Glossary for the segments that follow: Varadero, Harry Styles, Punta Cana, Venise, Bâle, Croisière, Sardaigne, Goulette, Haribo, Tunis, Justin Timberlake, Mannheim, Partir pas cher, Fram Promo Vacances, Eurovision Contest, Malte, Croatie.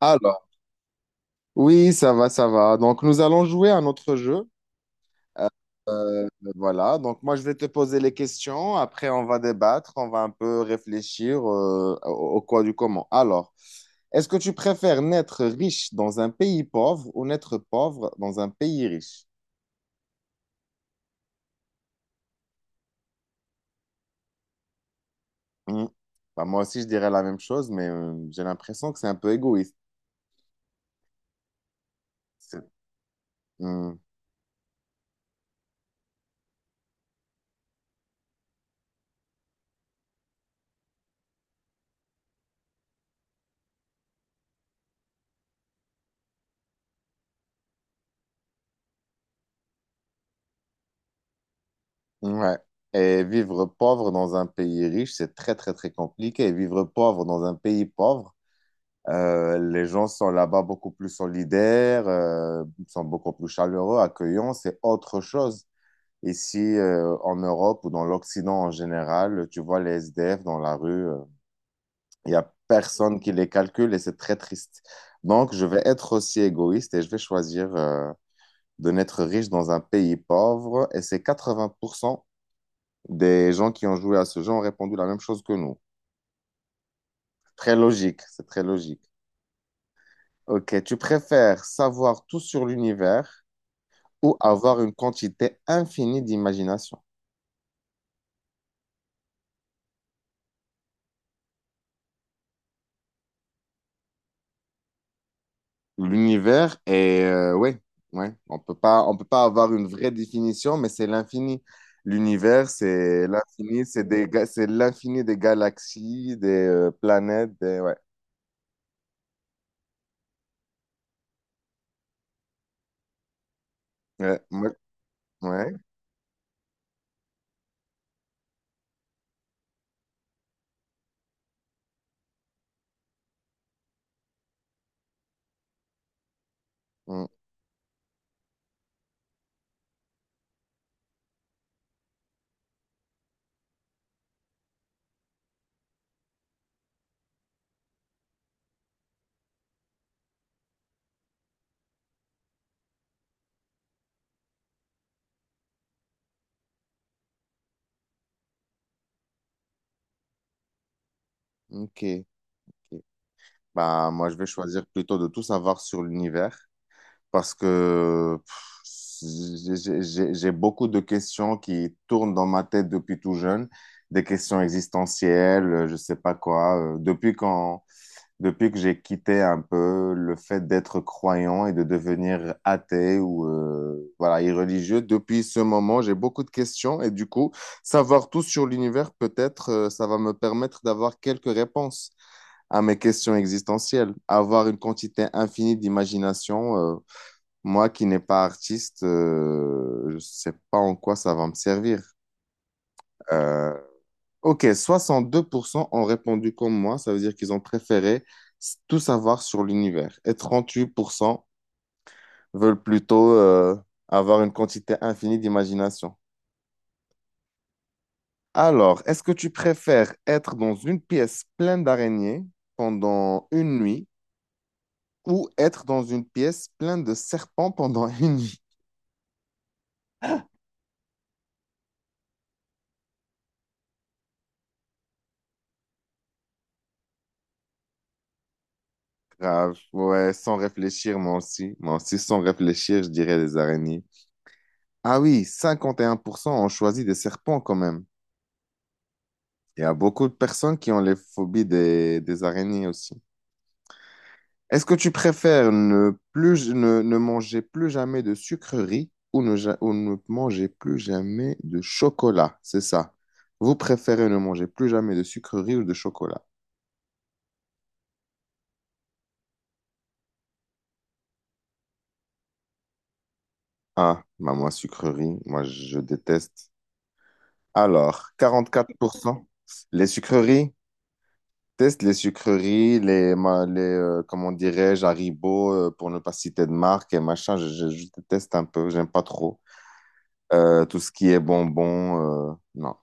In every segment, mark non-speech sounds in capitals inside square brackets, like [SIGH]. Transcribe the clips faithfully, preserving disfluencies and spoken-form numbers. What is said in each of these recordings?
Alors, oui, ça va, ça va. Donc, nous allons jouer à notre jeu. Euh, voilà, donc moi, je vais te poser les questions. Après, on va débattre, on va un peu réfléchir euh, au, au quoi du comment. Alors, est-ce que tu préfères naître riche dans un pays pauvre ou naître pauvre dans un pays riche? Hmm. Bah, moi aussi, je dirais la même chose, mais euh, j'ai l'impression que c'est un peu égoïste. C'est- Hmm. Ouais. Et vivre pauvre dans un pays riche, c'est très, très, très compliqué. Vivre pauvre dans un pays pauvre, Euh, les gens sont là-bas beaucoup plus solidaires, euh, sont beaucoup plus chaleureux, accueillants, c'est autre chose. Ici, euh, en Europe ou dans l'Occident en général, tu vois les S D F dans la rue. Euh, il y a personne qui les calcule et c'est très triste. Donc, je vais être aussi égoïste et je vais choisir euh, de n'être riche dans un pays pauvre, et c'est quatre-vingts pour cent des gens qui ont joué à ce jeu ont répondu la même chose que nous. Très logique, c'est très logique. Ok, tu préfères savoir tout sur l'univers ou avoir une quantité infinie d'imagination. L'univers est, euh, ouais, ouais, on peut pas, on peut pas avoir une vraie définition, mais c'est l'infini. L'univers, c'est l'infini, c'est des, ga- c'est l'infini des galaxies, des euh, planètes, des, ouais, ouais, ouais, ouais. Mm, ok. Ok. Bah, moi, je vais choisir plutôt de tout savoir sur l'univers, parce que pff, j'ai j'ai- j'ai- j'ai beaucoup de questions qui tournent dans ma tête depuis tout jeune, des questions existentielles, euh, je sais pas quoi. Euh, Depuis quand, depuis que j'ai quitté un peu le fait d'être croyant et de devenir athée ou euh, voilà, irreligieux, depuis ce moment, j'ai beaucoup de questions et du coup, savoir tout sur l'univers, peut-être, euh, ça va me permettre d'avoir quelques réponses à mes questions existentielles. Avoir une quantité infinie d'imagination, euh, moi qui n'ai pas artiste, euh, je ne sais pas en quoi ça va me servir. Euh, ok, soixante-deux pour cent ont répondu comme moi, ça veut dire qu'ils ont préféré s- tout savoir sur l'univers. Et trente-huit pour cent veulent plutôt euh, avoir une quantité infinie d'imagination. Alors, est-ce que tu préfères être dans une pièce pleine d'araignées pendant une nuit ou être dans une pièce pleine de serpents pendant [LAUGHS] une nuit? Grave, ouais, sans réfléchir, moi aussi. Moi aussi, sans réfléchir, je dirais les araignées. Ah oui, cinquante et un pour cent ont choisi des serpents quand même. Il y a beaucoup de personnes qui ont les phobies des, des araignées aussi. Est-ce que tu préfères ne plus, ne, ne manger plus jamais de sucreries ou ne, ja- ou ne manger plus jamais de chocolat? C'est ça. Vous préférez ne manger plus jamais de sucreries ou de chocolat? Ah, bah moi, sucreries, moi, je déteste. Alors, quarante quatre pour cent. Les sucreries, teste les sucreries, les, ma- les euh, comment dirais-je, Haribo, euh, pour ne pas citer de marque et machin, je, je, je déteste un peu, j'aime pas trop. Euh, tout ce qui est bonbons, euh, non.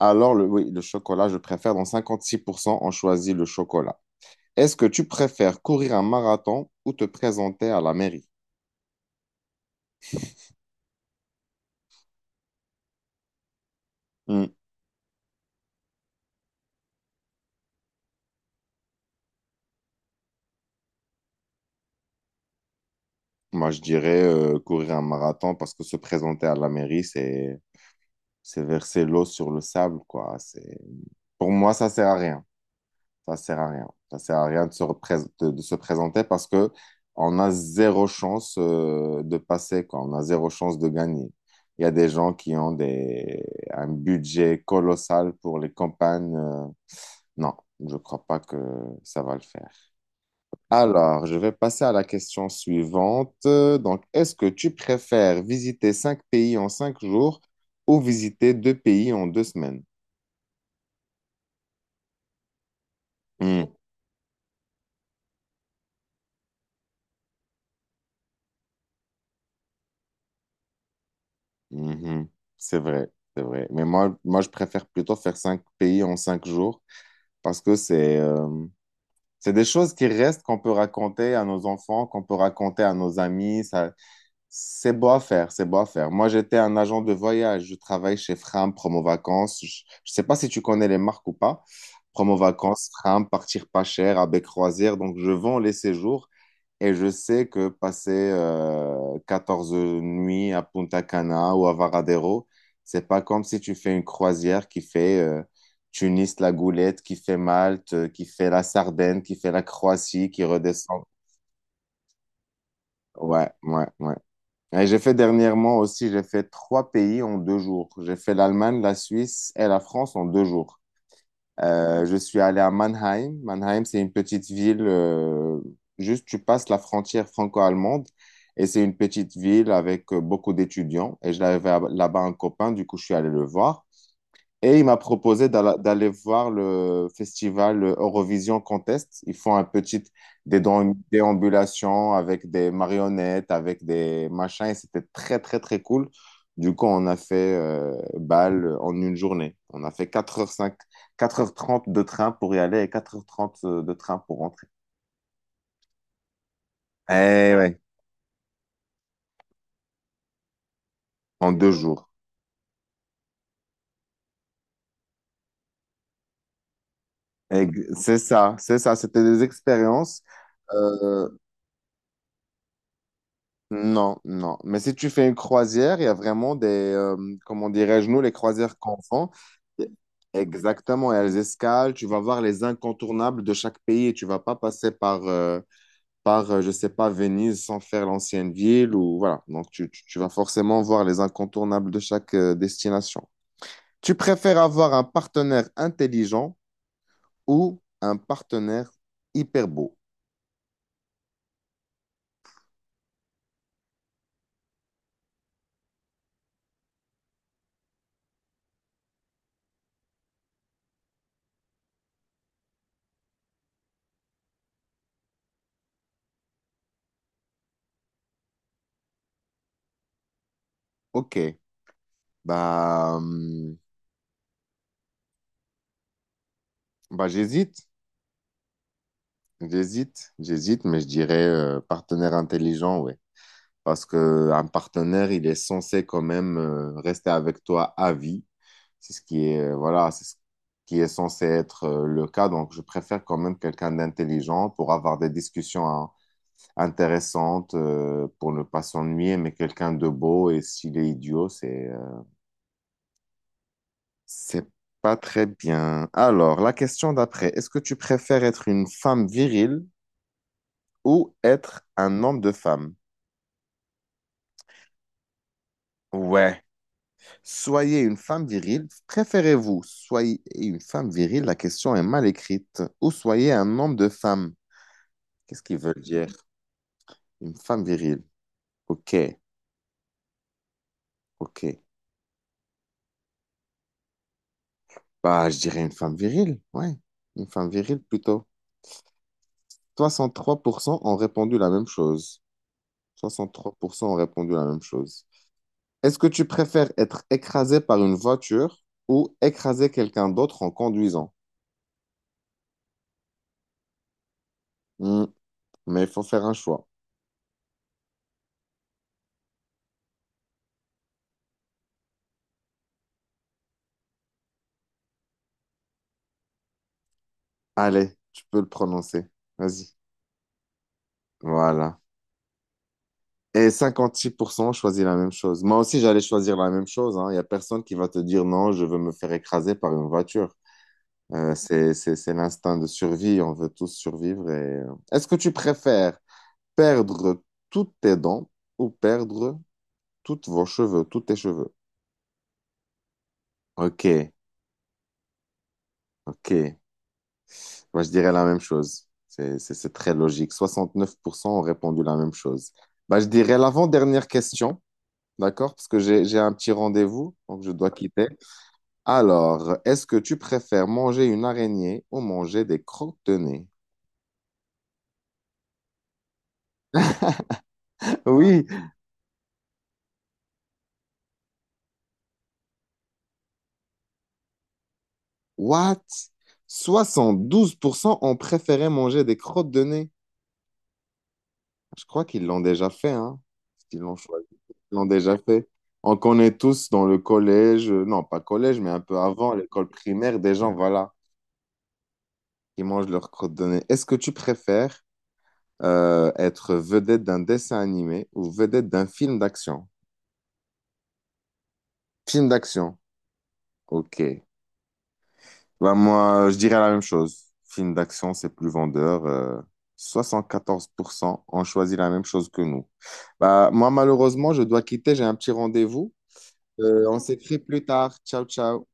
Alors, le, oui, le chocolat, je préfère, dans cinquante-six pour cent, on choisit le chocolat. Est-ce que tu préfères courir un marathon ou te présenter à la mairie? Hmm. Moi, je dirais euh, courir un marathon parce que se présenter à la mairie, c'est, c'est verser l'eau sur le sable, quoi. C'est, pour moi, ça sert à rien. Ça sert à rien. Ça sert à rien de se, représ- de, de se présenter parce que on a zéro chance euh, de passer, quoi. On a zéro chance de gagner. Il y a des gens qui ont des, un budget colossal pour les campagnes. Euh, non, je crois pas que ça va le faire. Alors, je vais passer à la question suivante. Donc, est-ce que tu préfères visiter cinq pays en cinq jours ou visiter deux pays en deux semaines? Hmm. Mhm. C'est vrai, c'est vrai. Mais moi, moi, je préfère plutôt faire cinq pays en cinq jours parce que c'est euh, c'est des choses qui restent qu'on peut raconter à nos enfants, qu'on peut raconter à nos amis. Ça, c'est beau à faire, c'est beau à faire. Moi, j'étais un agent de voyage. Je travaille chez Fram Promo Vacances. Je, je sais pas si tu connais les marques ou pas. Promo Vacances, Fram, Partir pas cher, avec Croisière. Donc, je vends les séjours et je sais que passer euh, quatorze nuits à Punta Cana ou à Varadero, c'est pas comme si tu fais une croisière qui fait euh, Tunis, la Goulette, qui fait Malte, euh, qui fait la Sardaigne, qui fait la Croatie, qui redescend. Ouais, ouais, ouais. Et j'ai fait dernièrement aussi, j'ai fait trois pays en deux jours. J'ai fait l'Allemagne, la Suisse et la France en deux jours. Euh, je suis allé à Mannheim. Mannheim, c'est une petite ville, euh, juste tu passes la frontière franco-allemande, et c'est une petite ville avec euh, beaucoup d'étudiants. Et je l'avais là-bas un copain, du coup je suis allé le voir. Et il m'a proposé d'alla- d'aller voir le festival Eurovision Contest. Ils font un petit dédon- déambulations avec des marionnettes, avec des machins, et c'était très, très, très cool. Du coup, on a fait euh, Bâle en une journée. On a fait quatre heures cinq, quatre heures trente de train pour y aller et quatre heures trente euh, de train pour rentrer. Eh ouais, en deux jours. Ex- C'est ça, c'est ça, c'était des expériences. Euh, Non, non. Mais si tu fais une croisière, il y a vraiment des, euh, comment dirais-je, nous, les croisières qu'on fait. Exactement, elles escalent, tu vas voir les incontournables de chaque pays, et tu vas pas passer par, euh, par euh, je sais pas, Venise sans faire l'ancienne ville ou voilà. Donc, tu, tu- tu vas forcément voir les incontournables de chaque euh, destination. Tu préfères avoir un partenaire intelligent ou un partenaire hyper beau? Ok, bah, hum, bah j'hésite. J'hésite, j'hésite, mais je dirais euh, partenaire intelligent, ouais. Parce que euh, un partenaire, il est censé quand même euh, rester avec toi à vie. C'est ce qui est, euh, voilà, c'est ce qui est censé être euh, le cas. Donc, je préfère quand même quelqu'un d'intelligent pour avoir des discussions hein, intéressantes, euh, pour ne pas s'ennuyer, mais quelqu'un de beau. Et s'il est idiot, c'est euh, c'est pas très bien. Alors, la question d'après, est-ce que tu préfères être une femme virile ou être un homme de femme? Ouais. Soyez une femme virile. Préférez-vous soyez une femme virile? La question est mal écrite. Ou soyez un homme de femme. Qu'est-ce qu'ils veulent dire? Une femme virile. Ok, ok. Bah, je dirais une femme virile. Ouais, une femme virile plutôt. Soixante-trois pour cent ont répondu la même chose. Soixante-trois pour cent ont répondu la même chose. Est-ce que tu préfères être écrasé par une voiture ou écraser quelqu'un d'autre en conduisant? Hmm, mais il faut faire un choix. Allez, tu peux le prononcer. Vas-y. Voilà. Et cinquante-six pour cent ont choisi la même chose. Moi aussi, j'allais choisir la même chose, hein. Il n'y a personne qui va te dire non, je veux me faire écraser par une voiture. Euh, c'est, c'est, c'est l'instinct de survie. On veut tous survivre. Et... euh, Est-ce que tu préfères perdre toutes tes dents ou perdre toutes vos cheveux, tous tes cheveux? Ok, ok. Moi, je dirais la même chose. C'est, c'est, c'est très logique. Soixante-neuf pour cent ont répondu la même chose. Bah, je dirais l'avant-dernière question, d'accord? Parce que j'ai, j'ai un petit rendez-vous, donc je dois quitter. Alors, est-ce que tu préfères manger une araignée ou manger des crottes de nez? Oui, what? Soixante douze pour cent ont préféré manger des crottes de nez. Je crois qu'ils l'ont déjà fait, hein? Ils l'ont choisi. Ils l'ont déjà fait. On connaît tous dans le collège, euh, non pas collège, mais un peu avant, l'école primaire, des gens, voilà, qui mangent leurs crottes de nez. Est-ce que tu préfères euh, être vedette d'un dessin animé ou vedette d'un film d'action? Film d'action, ok. Bah, moi, je dirais la même chose. Film d'action, c'est plus vendeur. euh, soixante-quatorze pour cent ont choisi la même chose que nous. Bah, moi, malheureusement, je dois quitter, j'ai un petit rendez-vous. Euh, on s'écrit plus tard. Ciao, ciao.